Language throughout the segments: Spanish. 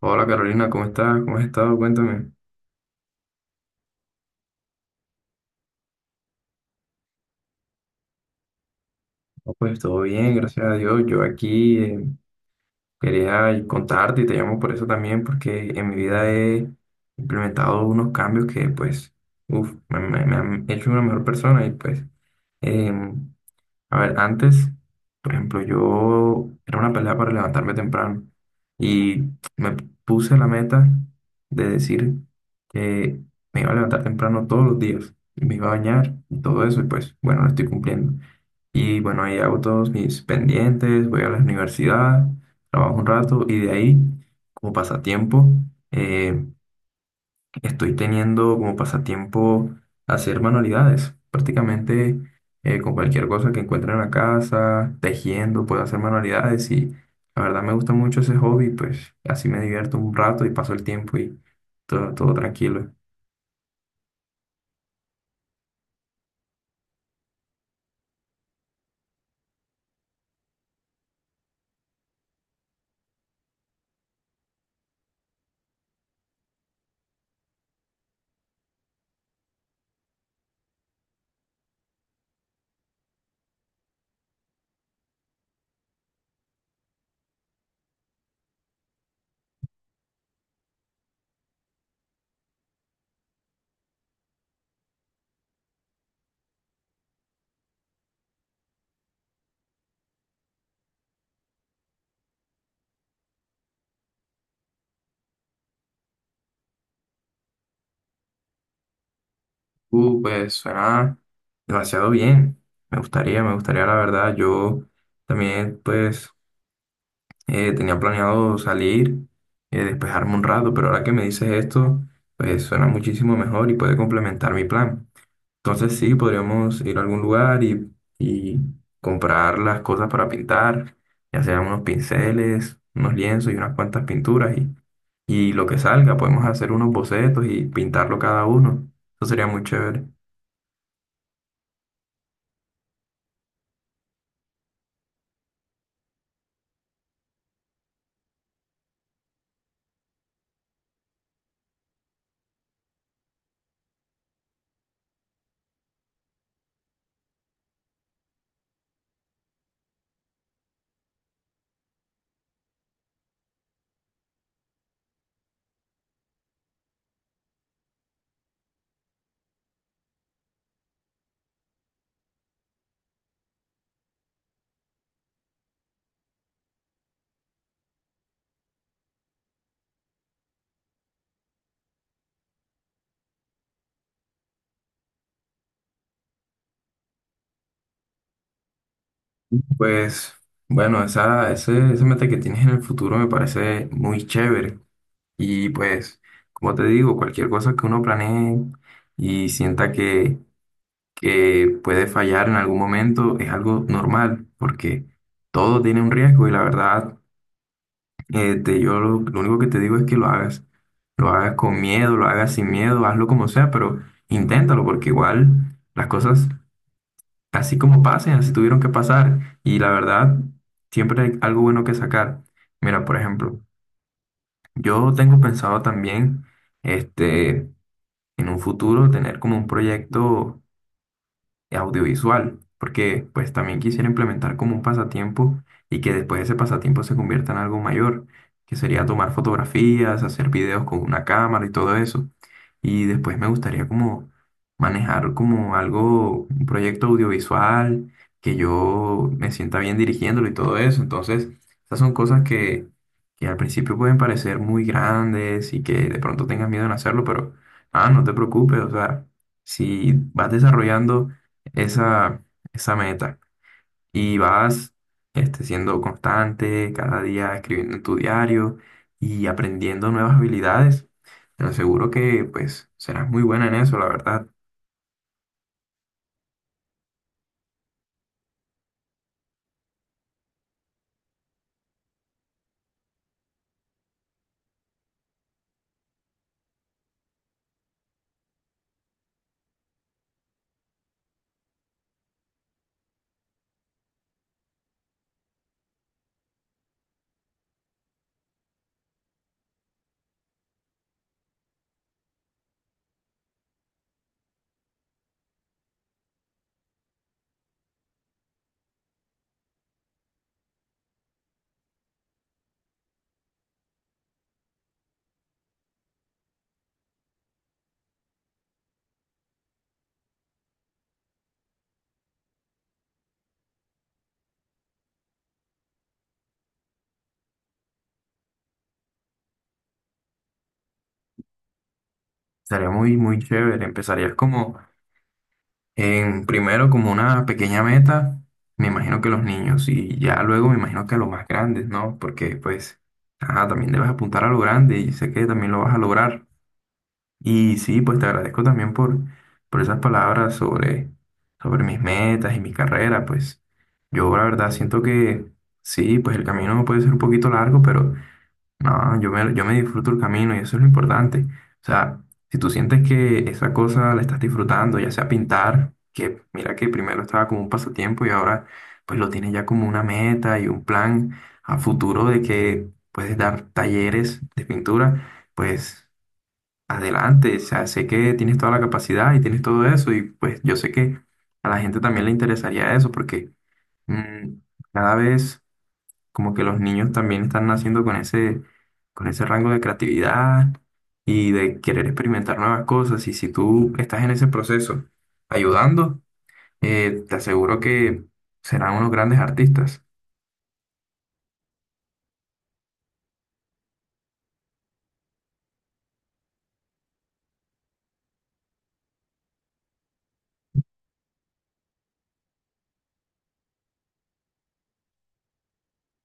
Hola Carolina, ¿cómo estás? ¿Cómo has estado? Cuéntame. No, pues todo bien, gracias a Dios. Yo aquí quería contarte y te llamo por eso también, porque en mi vida he implementado unos cambios que pues, uf, me han hecho una mejor persona y pues, em, A ver, antes, por ejemplo, yo era una pelea para levantarme temprano y me puse la meta de decir que me iba a levantar temprano todos los días y me iba a bañar y todo eso y pues bueno, lo estoy cumpliendo. Y bueno, ahí hago todos mis pendientes, voy a la universidad, trabajo un rato y de ahí, como pasatiempo, eh, estoy teniendo como pasatiempo hacer manualidades, prácticamente con cualquier cosa que encuentre en la casa, tejiendo, puedo hacer manualidades y la verdad me gusta mucho ese hobby, pues así me divierto un rato y paso el tiempo y todo tranquilo. Pues suena demasiado bien, me gustaría la verdad, yo también pues tenía planeado salir, despejarme un rato, pero ahora que me dices esto, pues suena muchísimo mejor y puede complementar mi plan. Entonces sí, podríamos ir a algún lugar y comprar las cosas para pintar, ya sean unos pinceles, unos lienzos y unas cuantas pinturas y lo que salga, podemos hacer unos bocetos y pintarlo cada uno. Eso sería muy chévere. Pues bueno, esa meta que tienes en el futuro me parece muy chévere. Y pues, como te digo, cualquier cosa que uno planee y sienta que puede fallar en algún momento es algo normal, porque todo tiene un riesgo y la verdad, yo lo único que te digo es que lo hagas. Lo hagas con miedo, lo hagas sin miedo, hazlo como sea, pero inténtalo, porque igual las cosas así como pasen, así tuvieron que pasar. Y la verdad, siempre hay algo bueno que sacar. Mira, por ejemplo, yo tengo pensado también, este, en un futuro tener como un proyecto audiovisual, porque pues también quisiera implementar como un pasatiempo y que después ese pasatiempo se convierta en algo mayor, que sería tomar fotografías, hacer videos con una cámara y todo eso. Y después me gustaría como manejar como algo, un proyecto audiovisual, que yo me sienta bien dirigiéndolo y todo eso. Entonces, esas son cosas que al principio pueden parecer muy grandes y que de pronto tengas miedo en hacerlo, pero ah, no te preocupes, o sea, si vas desarrollando esa, esa meta y vas siendo constante, cada día escribiendo en tu diario y aprendiendo nuevas habilidades, te aseguro que pues serás muy buena en eso, la verdad. Sería muy chévere. Empezarías como en primero como una pequeña meta, me imagino que los niños y ya luego me imagino que a los más grandes, ¿no? Porque pues, ajá, también debes apuntar a lo grande y sé que también lo vas a lograr. Y sí, pues te agradezco también por esas palabras sobre mis metas y mi carrera. Pues yo la verdad siento que sí, pues el camino puede ser un poquito largo, pero no, yo me disfruto el camino y eso es lo importante. O sea, si tú sientes que esa cosa la estás disfrutando, ya sea pintar, que mira que primero estaba como un pasatiempo y ahora pues lo tienes ya como una meta y un plan a futuro de que puedes dar talleres de pintura, pues... Adelante, o sea, sé que tienes toda la capacidad y tienes todo eso y pues yo sé que a la gente también le interesaría eso porque mm, cada vez como que los niños también están naciendo con con ese rango de creatividad y de querer experimentar nuevas cosas y si tú estás en ese proceso ayudando, te aseguro que serán unos grandes artistas.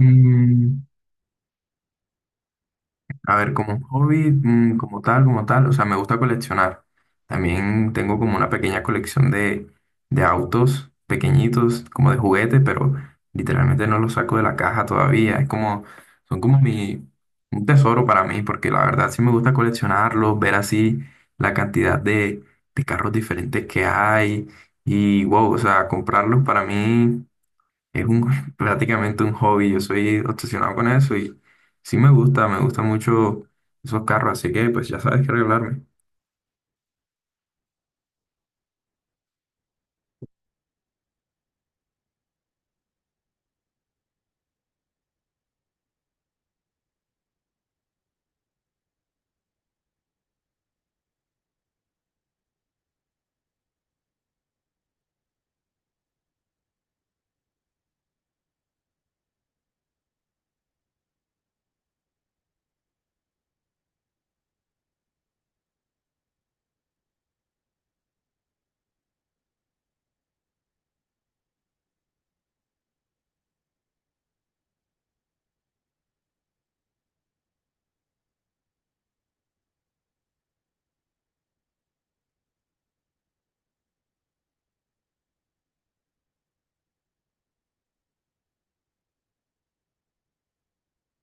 Mm. A ver, como un hobby, mm, como tal, o sea, me gusta coleccionar. También tengo como una pequeña colección de autos pequeñitos, como de juguete, pero literalmente no los saco de la caja todavía. Es como, son como mi, un tesoro para mí, porque la verdad sí me gusta coleccionarlos, ver así la cantidad de carros diferentes que hay y wow, o sea, comprarlos para mí. Es un, prácticamente un hobby, yo soy obsesionado con eso y sí me gustan mucho esos carros, así que pues ya sabes que arreglarme.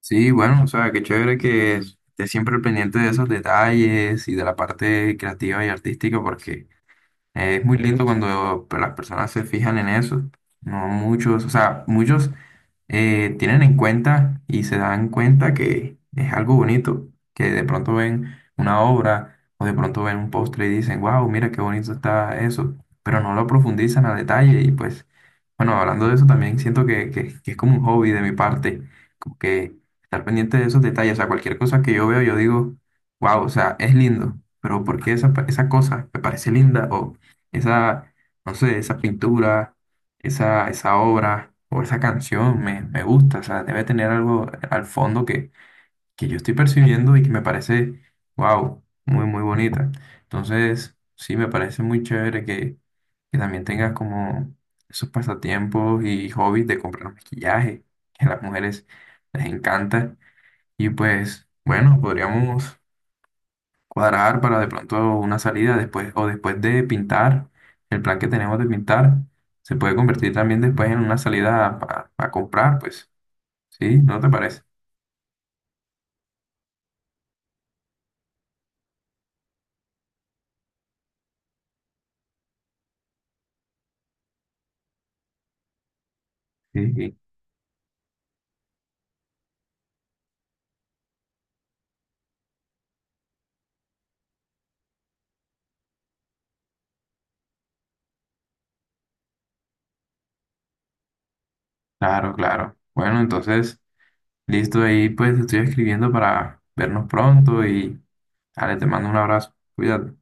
Sí, bueno, o sea, qué chévere que estés siempre pendiente de esos detalles y de la parte creativa y artística, porque es muy lindo cuando las personas se fijan en eso. No muchos, o sea, muchos tienen en cuenta y se dan cuenta que es algo bonito, que de pronto ven una obra o de pronto ven un postre y dicen, wow, mira qué bonito está eso, pero no lo profundizan a detalle y pues, bueno, hablando de eso también siento que es como un hobby de mi parte, como que estar pendiente de esos detalles, o sea, cualquier cosa que yo veo yo digo, wow, o sea, es lindo, pero ¿por qué esa cosa me parece linda o esa, no sé, esa pintura? Esa obra o esa canción me gusta, o sea, debe tener algo al fondo que yo estoy percibiendo y que me parece, wow, muy bonita. Entonces, sí, me parece muy chévere que también tengas como esos pasatiempos y hobbies de comprar maquillaje, que a las mujeres les encanta. Y pues, bueno, podríamos cuadrar para de pronto una salida después o después de pintar, el plan que tenemos de pintar se puede convertir también después en una salida para comprar, pues, ¿sí? ¿No te parece? Sí, sí. Claro, claro. Bueno, entonces, listo, ahí pues estoy escribiendo para vernos pronto y, dale, te mando un abrazo. Cuídate.